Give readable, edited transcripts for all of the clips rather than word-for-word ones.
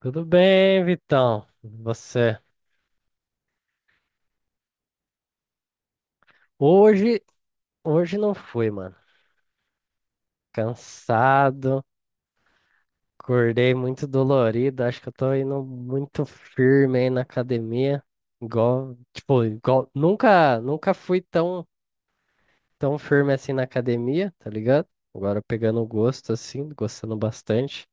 Tudo bem, Vitão? Você? Hoje, hoje não fui, mano. Cansado, acordei muito dolorido. Acho que eu tô indo muito firme aí na academia. Igual, tipo, igual, nunca, nunca fui tão firme assim na academia, tá ligado? Agora pegando o gosto assim, gostando bastante.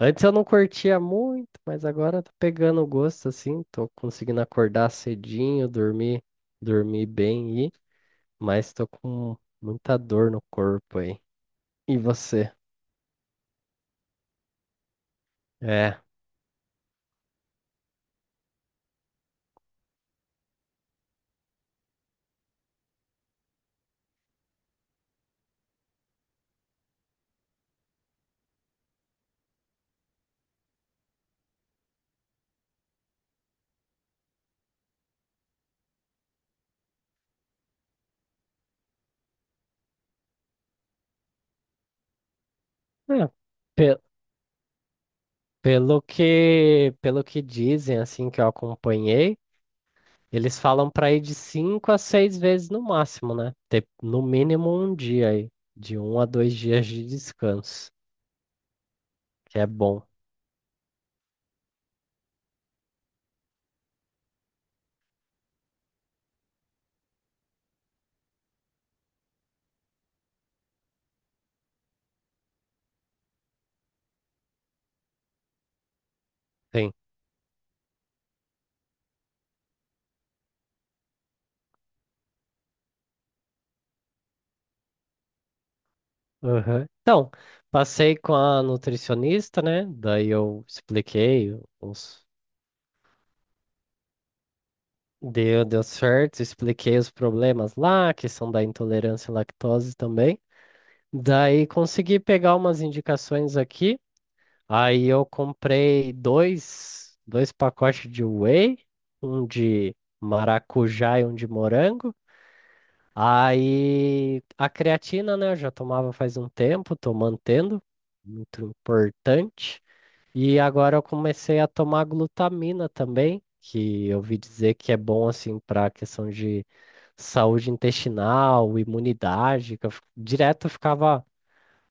Antes eu não curtia muito, mas agora tô pegando o gosto assim, tô conseguindo acordar cedinho, dormir bem, mas tô com muita dor no corpo aí. E você? É. É, pe- pelo que dizem, assim, que eu acompanhei, eles falam para ir de cinco a seis vezes no máximo, né? Ter no mínimo um dia aí, de 1 a 2 dias de descanso, que é bom. Sim. Aham. Então, passei com a nutricionista, né? Daí eu expliquei os deu certo, expliquei os problemas lá, que são da intolerância à lactose também. Daí consegui pegar umas indicações aqui. Aí eu comprei dois pacotes de whey, um de maracujá e um de morango. Aí a creatina, né, eu já tomava faz um tempo, tô mantendo, muito importante. E agora eu comecei a tomar glutamina também, que eu ouvi dizer que é bom assim para a questão de saúde intestinal, imunidade, que eu, direto ficava,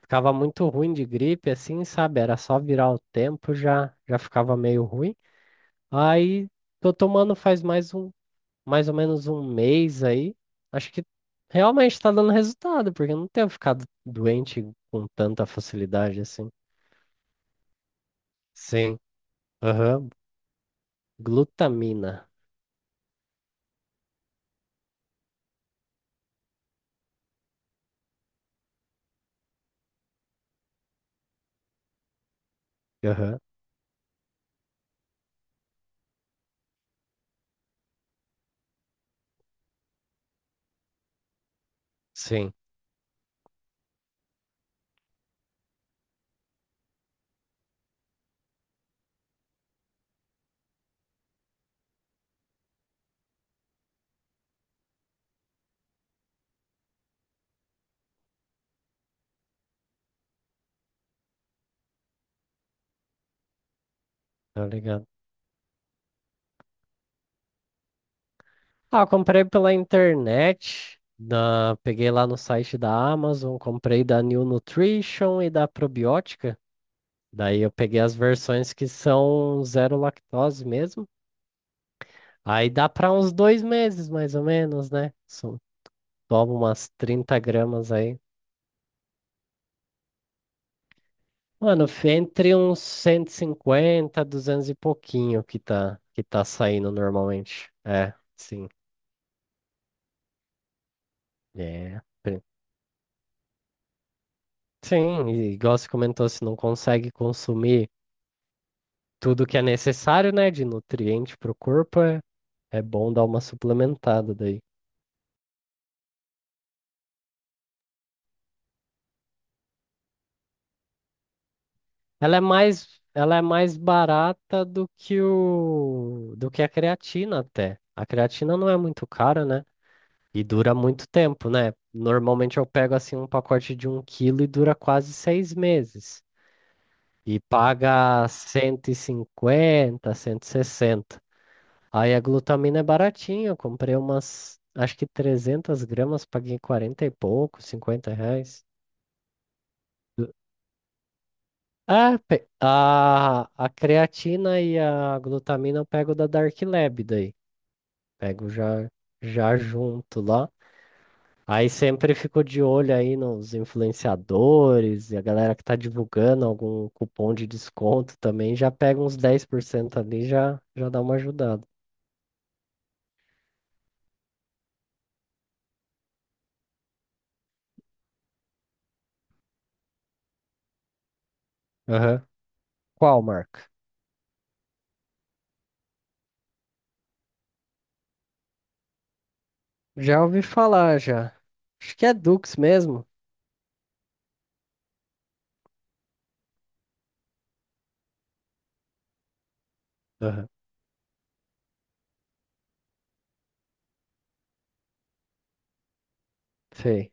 ficava muito ruim de gripe, assim, sabe? Era só virar o tempo, já, já ficava meio ruim. Aí tô tomando faz mais ou menos 1 mês aí. Acho que realmente tá dando resultado, porque eu não tenho ficado doente com tanta facilidade assim. Sim. Aham. Glutamina. Aham. Sim. Tá ligado. Ah, eu comprei pela internet, peguei lá no site da Amazon, comprei da New Nutrition e da Probiótica. Daí eu peguei as versões que são zero lactose mesmo. Aí dá pra uns 2 meses, mais ou menos, né? Só toma umas 30 gramas aí. Mano, entre uns 150, 200 e pouquinho que tá saindo normalmente. É, sim. É. Sim, e igual você comentou, se não consegue consumir tudo que é necessário, né, de nutriente para o corpo, é bom dar uma suplementada daí. Ela é mais barata do que a creatina até. A creatina não é muito cara, né? E dura muito tempo, né? Normalmente eu pego assim um pacote de 1 quilo e dura quase 6 meses. E paga 150, 160. Aí a glutamina é baratinha, eu comprei umas, acho que 300 gramas, paguei 40 e pouco, 50 reais. Ah, a creatina e a glutamina eu pego da Dark Lab daí. Pego já junto lá. Aí sempre fico de olho aí nos influenciadores e a galera que tá divulgando algum cupom de desconto também. Já pega uns 10% ali, já dá uma ajudada. Aham. Qual marca? Já ouvi falar, já. Acho que é Dux mesmo. Aham. Sei.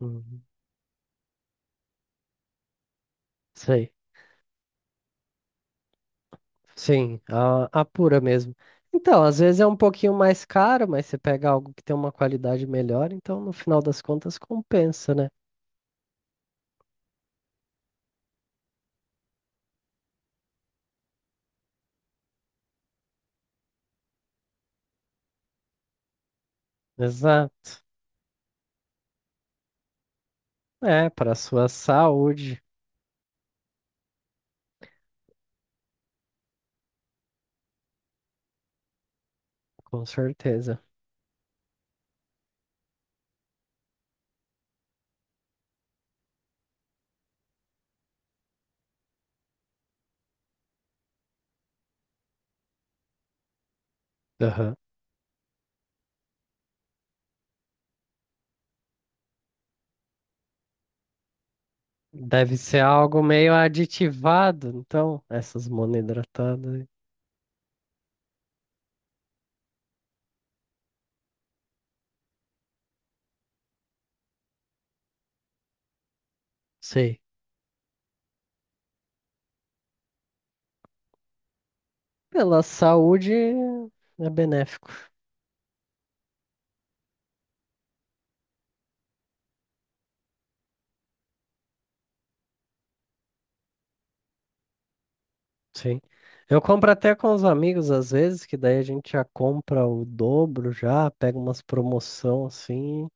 Uhum. Sei. Sim, a pura mesmo. Então, às vezes é um pouquinho mais caro, mas você pega algo que tem uma qualidade melhor, então no final das contas compensa, né? Exato. É, para sua saúde, com certeza. Aham. Deve ser algo meio aditivado, então, essas monoidratadas aí. Sei. Pela saúde é benéfico. Sim. Eu compro até com os amigos às vezes, que daí a gente já compra o dobro já, pega umas promoção assim,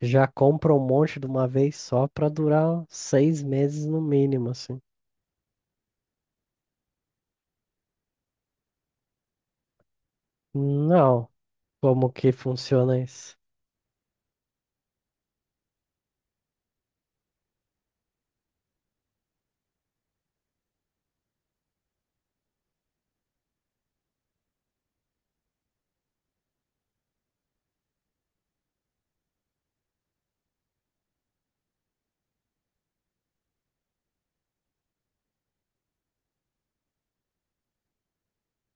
já compra um monte de uma vez só pra durar 6 meses no mínimo, assim. Não, como que funciona isso?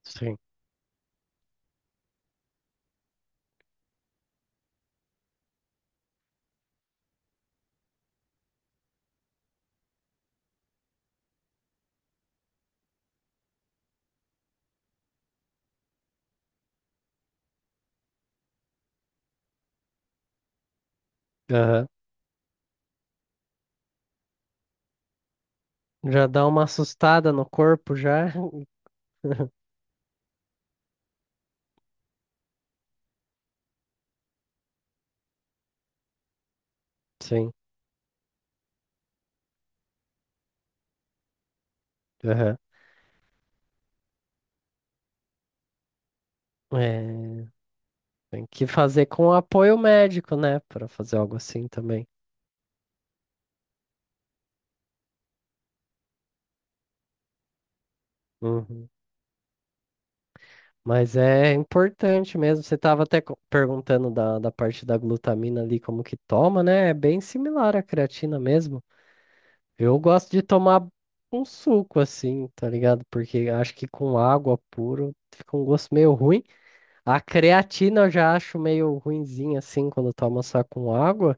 Sim. Aham. Já dá uma assustada no corpo já. Sim. Aham. É, tem que fazer com apoio médico, né? Pra fazer algo assim também. Uhum. Mas é importante mesmo. Você estava até perguntando da parte da glutamina ali, como que toma, né? É bem similar à creatina mesmo. Eu gosto de tomar um suco assim, tá ligado? Porque acho que com água puro fica um gosto meio ruim. A creatina eu já acho meio ruinzinha assim, quando toma só com água.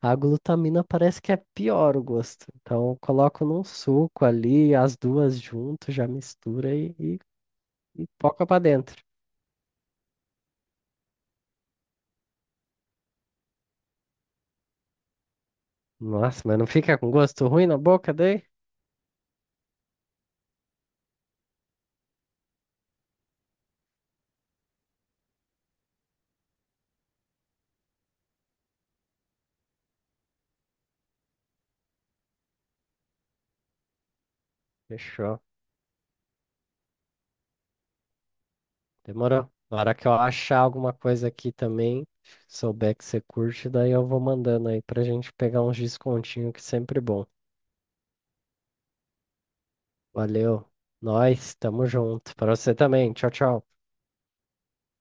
A glutamina parece que é pior o gosto. Então eu coloco num suco ali, as duas junto, já mistura e foca pra dentro. Nossa, mas não fica com gosto ruim na boca daí? Fechou. Demorou. Na hora que eu achar alguma coisa aqui também, souber que você curte, daí eu vou mandando aí pra gente pegar uns descontinho que é sempre bom. Valeu. Nós, tamo junto. Pra você também. Tchau, tchau.